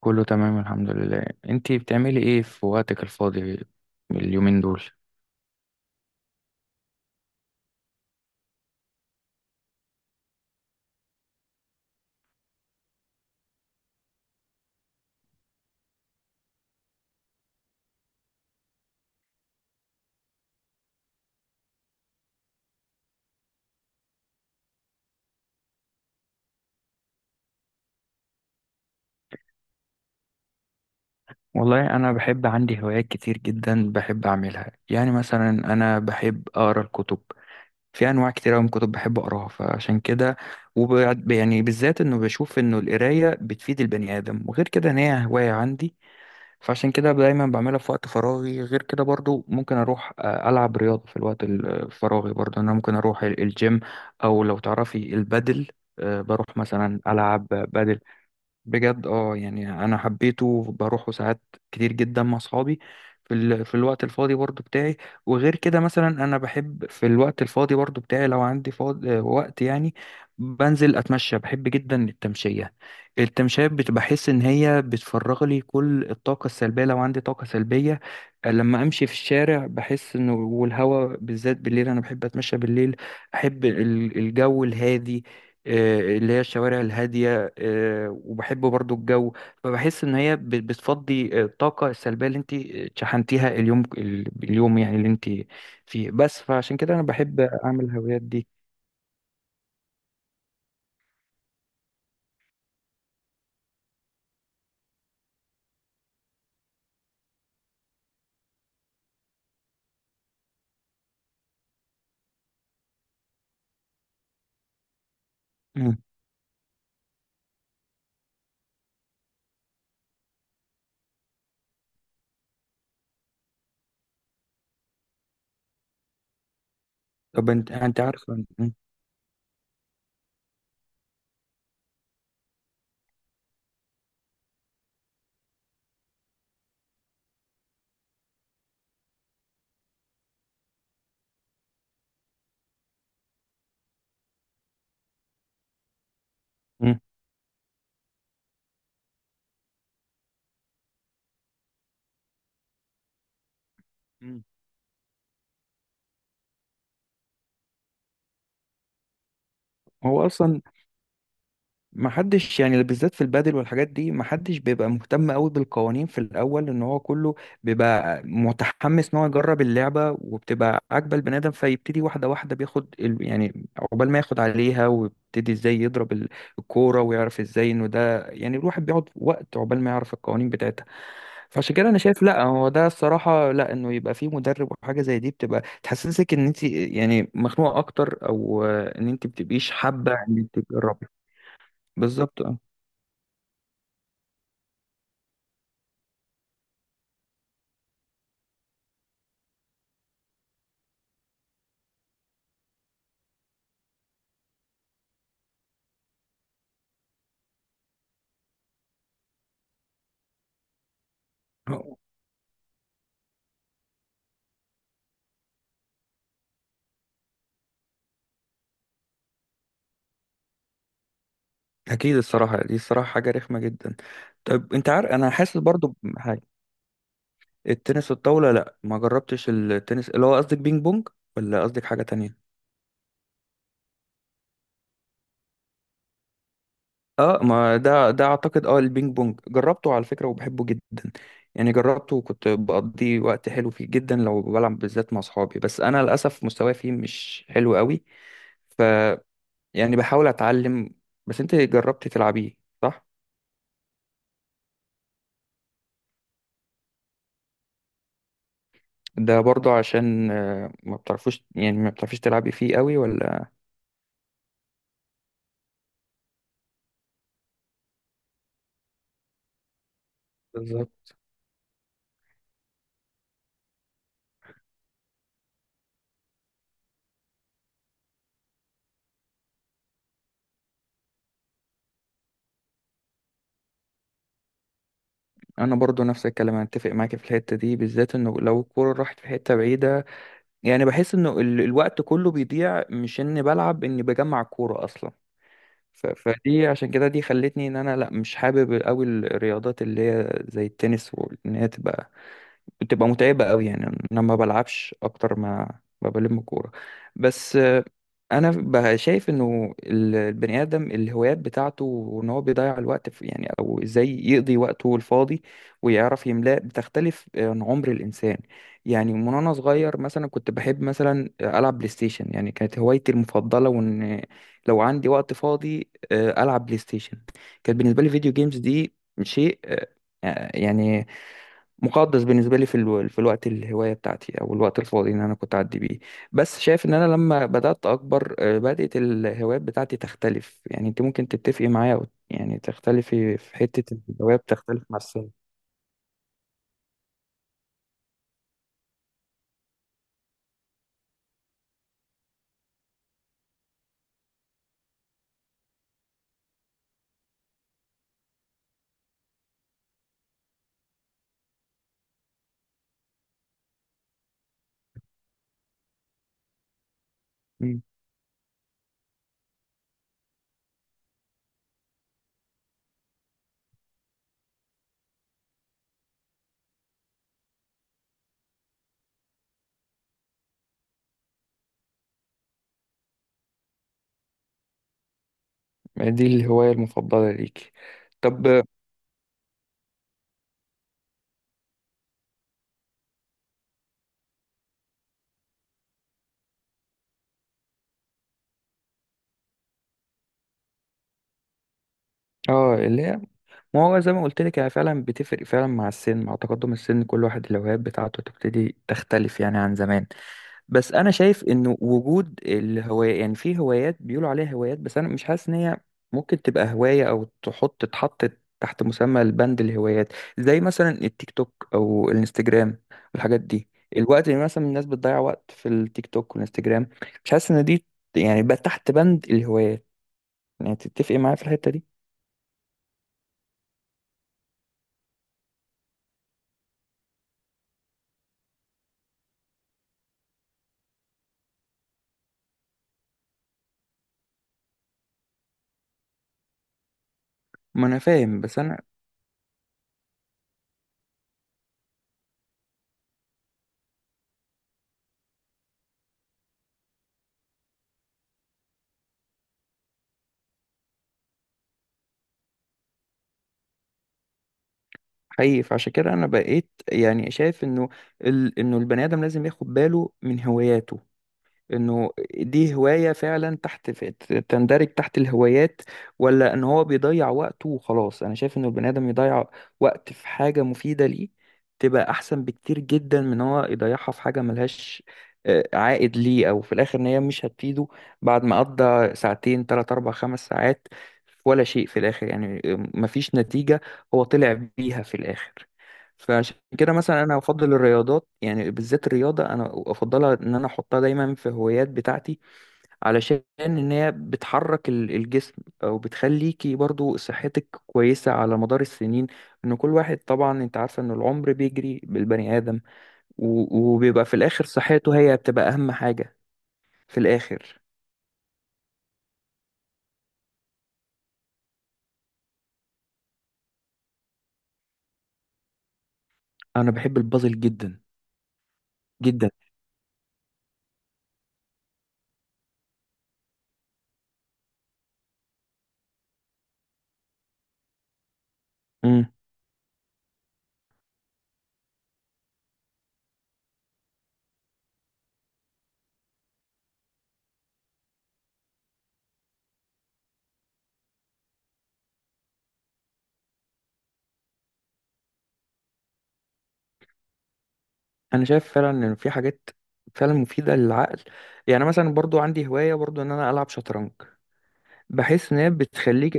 كله تمام الحمد لله. انتي بتعملي ايه في وقتك الفاضي اليومين دول؟ والله أنا بحب، عندي هوايات كتير جدا بحب أعملها. يعني مثلا أنا بحب أقرأ الكتب، في أنواع كتير أوي من الكتب بحب أقراها فعشان كده وب يعني بالذات إنه بشوف إنه القراية بتفيد البني آدم وغير كده إن هي هواية عندي. فعشان كده دايما بعملها في وقت فراغي. غير كده برضو ممكن اروح العب رياضه في الوقت الفراغي برضو. انا ممكن اروح الجيم او لو تعرفي البادل، بروح مثلا العب بادل. بجد اه، يعني انا حبيته بروحه ساعات كتير جدا مع اصحابي في الوقت الفاضي برضو بتاعي. وغير كده مثلا انا بحب في الوقت الفاضي برضو بتاعي لو عندي فاضي وقت يعني بنزل اتمشى، بحب جدا التمشية. التمشية بحس ان هي بتفرغ لي كل الطاقة السلبية لو عندي طاقة سلبية. لما امشي في الشارع بحس انه، والهوا بالذات بالليل انا بحب اتمشى بالليل. احب الجو الهادي، اللي هي الشوارع الهادية. وبحب برضو الجو، فبحس ان هي بتفضي الطاقه السلبيه اللي انت شحنتيها اليوم، اليوم يعني اللي انت فيه بس. فعشان كده انا بحب اعمل الهوايات دي. مم. طب، انت عارفه. مم. مم. مم. هو اصلا ما حدش، يعني بالذات في البادل والحاجات دي ما حدش بيبقى مهتم قوي بالقوانين في الاول، ان هو كله بيبقى متحمس ان هو يجرب اللعبه وبتبقى عاجبه البني ادم، فيبتدي واحده واحده بياخد يعني عقبال ما ياخد عليها ويبتدي ازاي يضرب الكوره ويعرف ازاي انه ده، يعني الواحد بيقعد وقت عقبال ما يعرف القوانين بتاعتها. فعشان كده انا شايف لا، هو ده الصراحه، لا انه يبقى فيه مدرب وحاجه زي دي بتبقى تحسسك ان انت يعني مخنوقه اكتر، او ان انت بتبقيش حابه ان انت تجربي. بالظبط اه. اكيد الصراحه دي، الصراحه حاجه رخمه جدا. طب انت عارف، انا حاسس برضو بحاجه. التنس الطاوله لا، ما جربتش، التنس اللي هو قصدك بينج بونج، ولا قصدك حاجه تانية؟ اه، ما ده اعتقد، اه البينج بونج جربته على فكره وبحبه جدا. يعني جربته وكنت بقضي وقت حلو فيه جدا لو بلعب بالذات مع صحابي، بس انا للاسف مستواي فيه مش حلو قوي. ف يعني بحاول اتعلم. بس انت جربتي تلعبيه، صح؟ ده برضو عشان ما بتعرفوش يعني ما بتعرفيش تلعبي فيه قوي ولا؟ بالظبط. انا برضو نفس الكلام، انا اتفق معاك في الحته دي بالذات، انه لو الكوره راحت في حته بعيده يعني بحس انه الوقت كله بيضيع، مش اني بلعب، اني بجمع الكوره اصلا. فدي عشان كده دي خلتني ان انا لا، مش حابب قوي الرياضات اللي هي زي التنس، وان هي تبقى بتبقى متعبة قوي يعني. انا ما بلعبش اكتر ما بلم كورة بس. انا بقى شايف انه البني ادم الهوايات بتاعته، وان هو بيضيع الوقت في، يعني او ازاي يقضي وقته الفاضي ويعرف يملاه، بتختلف عن عمر الانسان. يعني من وانا صغير مثلا كنت بحب مثلا العب بلاي ستيشن، يعني كانت هوايتي المفضلة، وان لو عندي وقت فاضي العب بلاي ستيشن. كانت بالنسبة لي فيديو جيمز دي شيء، يعني مقدس بالنسبه لي في الوقت، الهوايه بتاعتي او الوقت الفاضي ان انا كنت اعدي بيه. بس شايف ان انا لما بدات اكبر، بدات الهوايات بتاعتي تختلف. يعني انت ممكن تتفقي معايا أو يعني تختلفي في حته، الهوايه بتختلف مع السن. مم. يعني دي الهوايه المفضله ليكي؟ طب اه، اللي هي، ما هو زي ما قلت لك هي فعلا بتفرق فعلا مع السن، مع تقدم السن كل واحد الهوايات بتاعته تبتدي تختلف يعني عن زمان. بس انا شايف انه وجود الهواية، يعني في هوايات بيقولوا عليها هوايات، بس انا مش حاسس ان هي ممكن تبقى هواية او تتحط تحت مسمى البند الهوايات، زي مثلا التيك توك او الانستجرام والحاجات دي. الوقت اللي مثلا الناس بتضيع وقت في التيك توك والانستجرام، مش حاسس ان دي، يعني بقى تحت بند الهوايات. يعني تتفقي معايا في الحتة دي؟ ما انا فاهم، بس انا حقيقي، فعشان كده انا بقيت يعني شايف انه البني ادم لازم ياخد باله من هواياته. انه دي هواية فعلا، تحت في تندرج تحت الهوايات، ولا ان هو بيضيع وقته وخلاص. انا شايف ان البني ادم يضيع وقت في حاجة مفيدة ليه، تبقى احسن بكتير جدا من إن هو يضيعها في حاجة ملهاش، عائد ليه، او في الاخر ان هي مش هتفيده بعد ما قضى ساعتين تلات اربع خمس ساعات ولا شيء في الاخر، يعني مفيش نتيجة هو طلع بيها في الاخر. فعشان كده مثلا انا افضل الرياضات، يعني بالذات الرياضه انا افضلها، ان انا احطها دايما في هوايات بتاعتي، علشان ان هي بتحرك الجسم، او بتخليكي برضو صحتك كويسه على مدار السنين، ان كل واحد طبعا انت عارفه ان العمر بيجري بالبني ادم وبيبقى في الاخر صحته هي بتبقى اهم حاجه في الاخر. انا بحب البازل جدا جدا. امم انا شايف فعلا ان في حاجات فعلا مفيده للعقل. يعني مثلا برضو عندي هوايه برضو ان انا العب شطرنج، بحيث ان هي بتخليك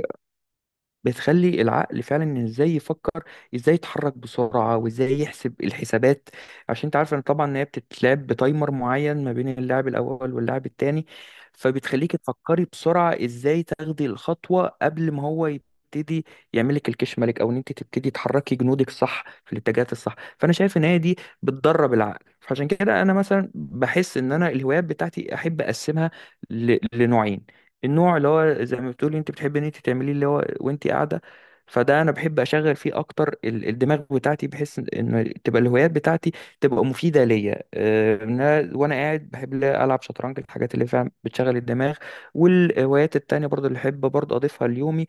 بتخلي العقل فعلا ازاي يفكر، ازاي يتحرك بسرعه وازاي يحسب الحسابات. عشان انت عارف ان طبعا ان هي بتتلعب بتايمر معين ما بين اللاعب الاول واللاعب التاني، فبتخليك تفكري بسرعه ازاي تاخدي الخطوه قبل ما هو يبتدي يعملك الكش ملك، او ان انت تبتدي تحركي جنودك صح في الاتجاهات الصح. فانا شايف ان هي دي بتدرب العقل. فعشان كده انا مثلا بحس ان انا الهوايات بتاعتي احب اقسمها لنوعين. النوع اللي هو زي ما بتقولي انت بتحبي ان انت تعمليه اللي هو وانت قاعده، فده انا بحب اشغل فيه اكتر الدماغ بتاعتي، بحيث ان إن تبقى الهوايات بتاعتي تبقى مفيده ليا، ان أنا وانا قاعد بحب لا العب شطرنج، الحاجات اللي فعلا بتشغل الدماغ. والهوايات التانية برضو اللي احب برضو اضيفها ليومي،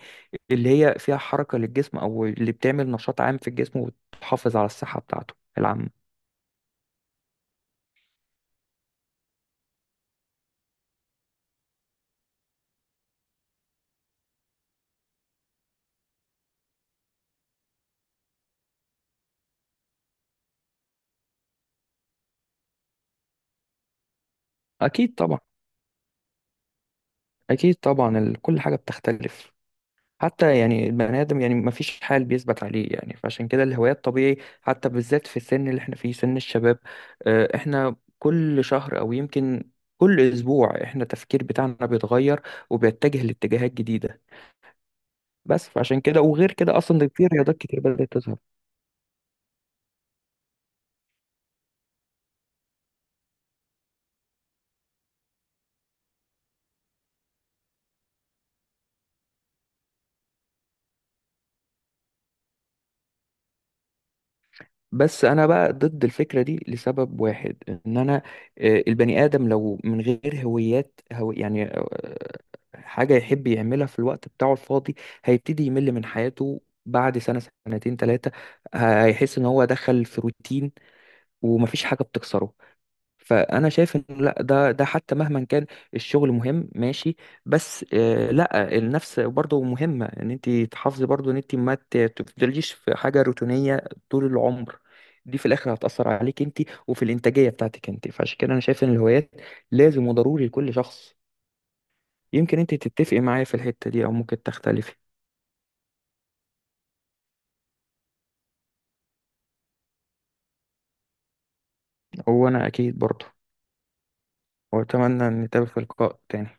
اللي هي فيها حركه للجسم او اللي بتعمل نشاط عام في الجسم وتحافظ على الصحه بتاعته العامه. اكيد طبعا، اكيد طبعا. كل حاجه بتختلف، حتى يعني البني آدم يعني ما فيش حال بيثبت عليه. يعني فعشان كده الهوايات طبيعي، حتى بالذات في السن اللي احنا فيه سن الشباب، احنا كل شهر أو يمكن كل أسبوع احنا التفكير بتاعنا بيتغير وبيتجه لاتجاهات جديدة. بس فعشان كده وغير كده أصلا ده في رياضات كتير بدأت تظهر. بس انا بقى ضد الفكره دي لسبب واحد، ان انا، البني ادم لو من غير هويات هو، يعني حاجه يحب يعملها في الوقت بتاعه الفاضي، هيبتدي يمل من حياته بعد سنه سنتين ثلاثه، هيحس ان هو دخل في روتين ومفيش حاجه بتكسره. فانا شايف ان لا ده حتى مهما كان الشغل مهم ماشي، بس لا النفس برضه مهمه، ان انت تحافظي برضه ان انت ما تفضليش في حاجه روتينيه طول العمر. دي في الاخر هتاثر عليك انت وفي الانتاجيه بتاعتك انت. فعشان كده انا شايف ان الهوايات لازم وضروري لكل شخص. يمكن انت تتفقي معايا في الحته دي او ممكن تختلفي. هو انا اكيد برضه. واتمنى ان نتقابل في لقاء تاني.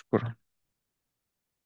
شكرا.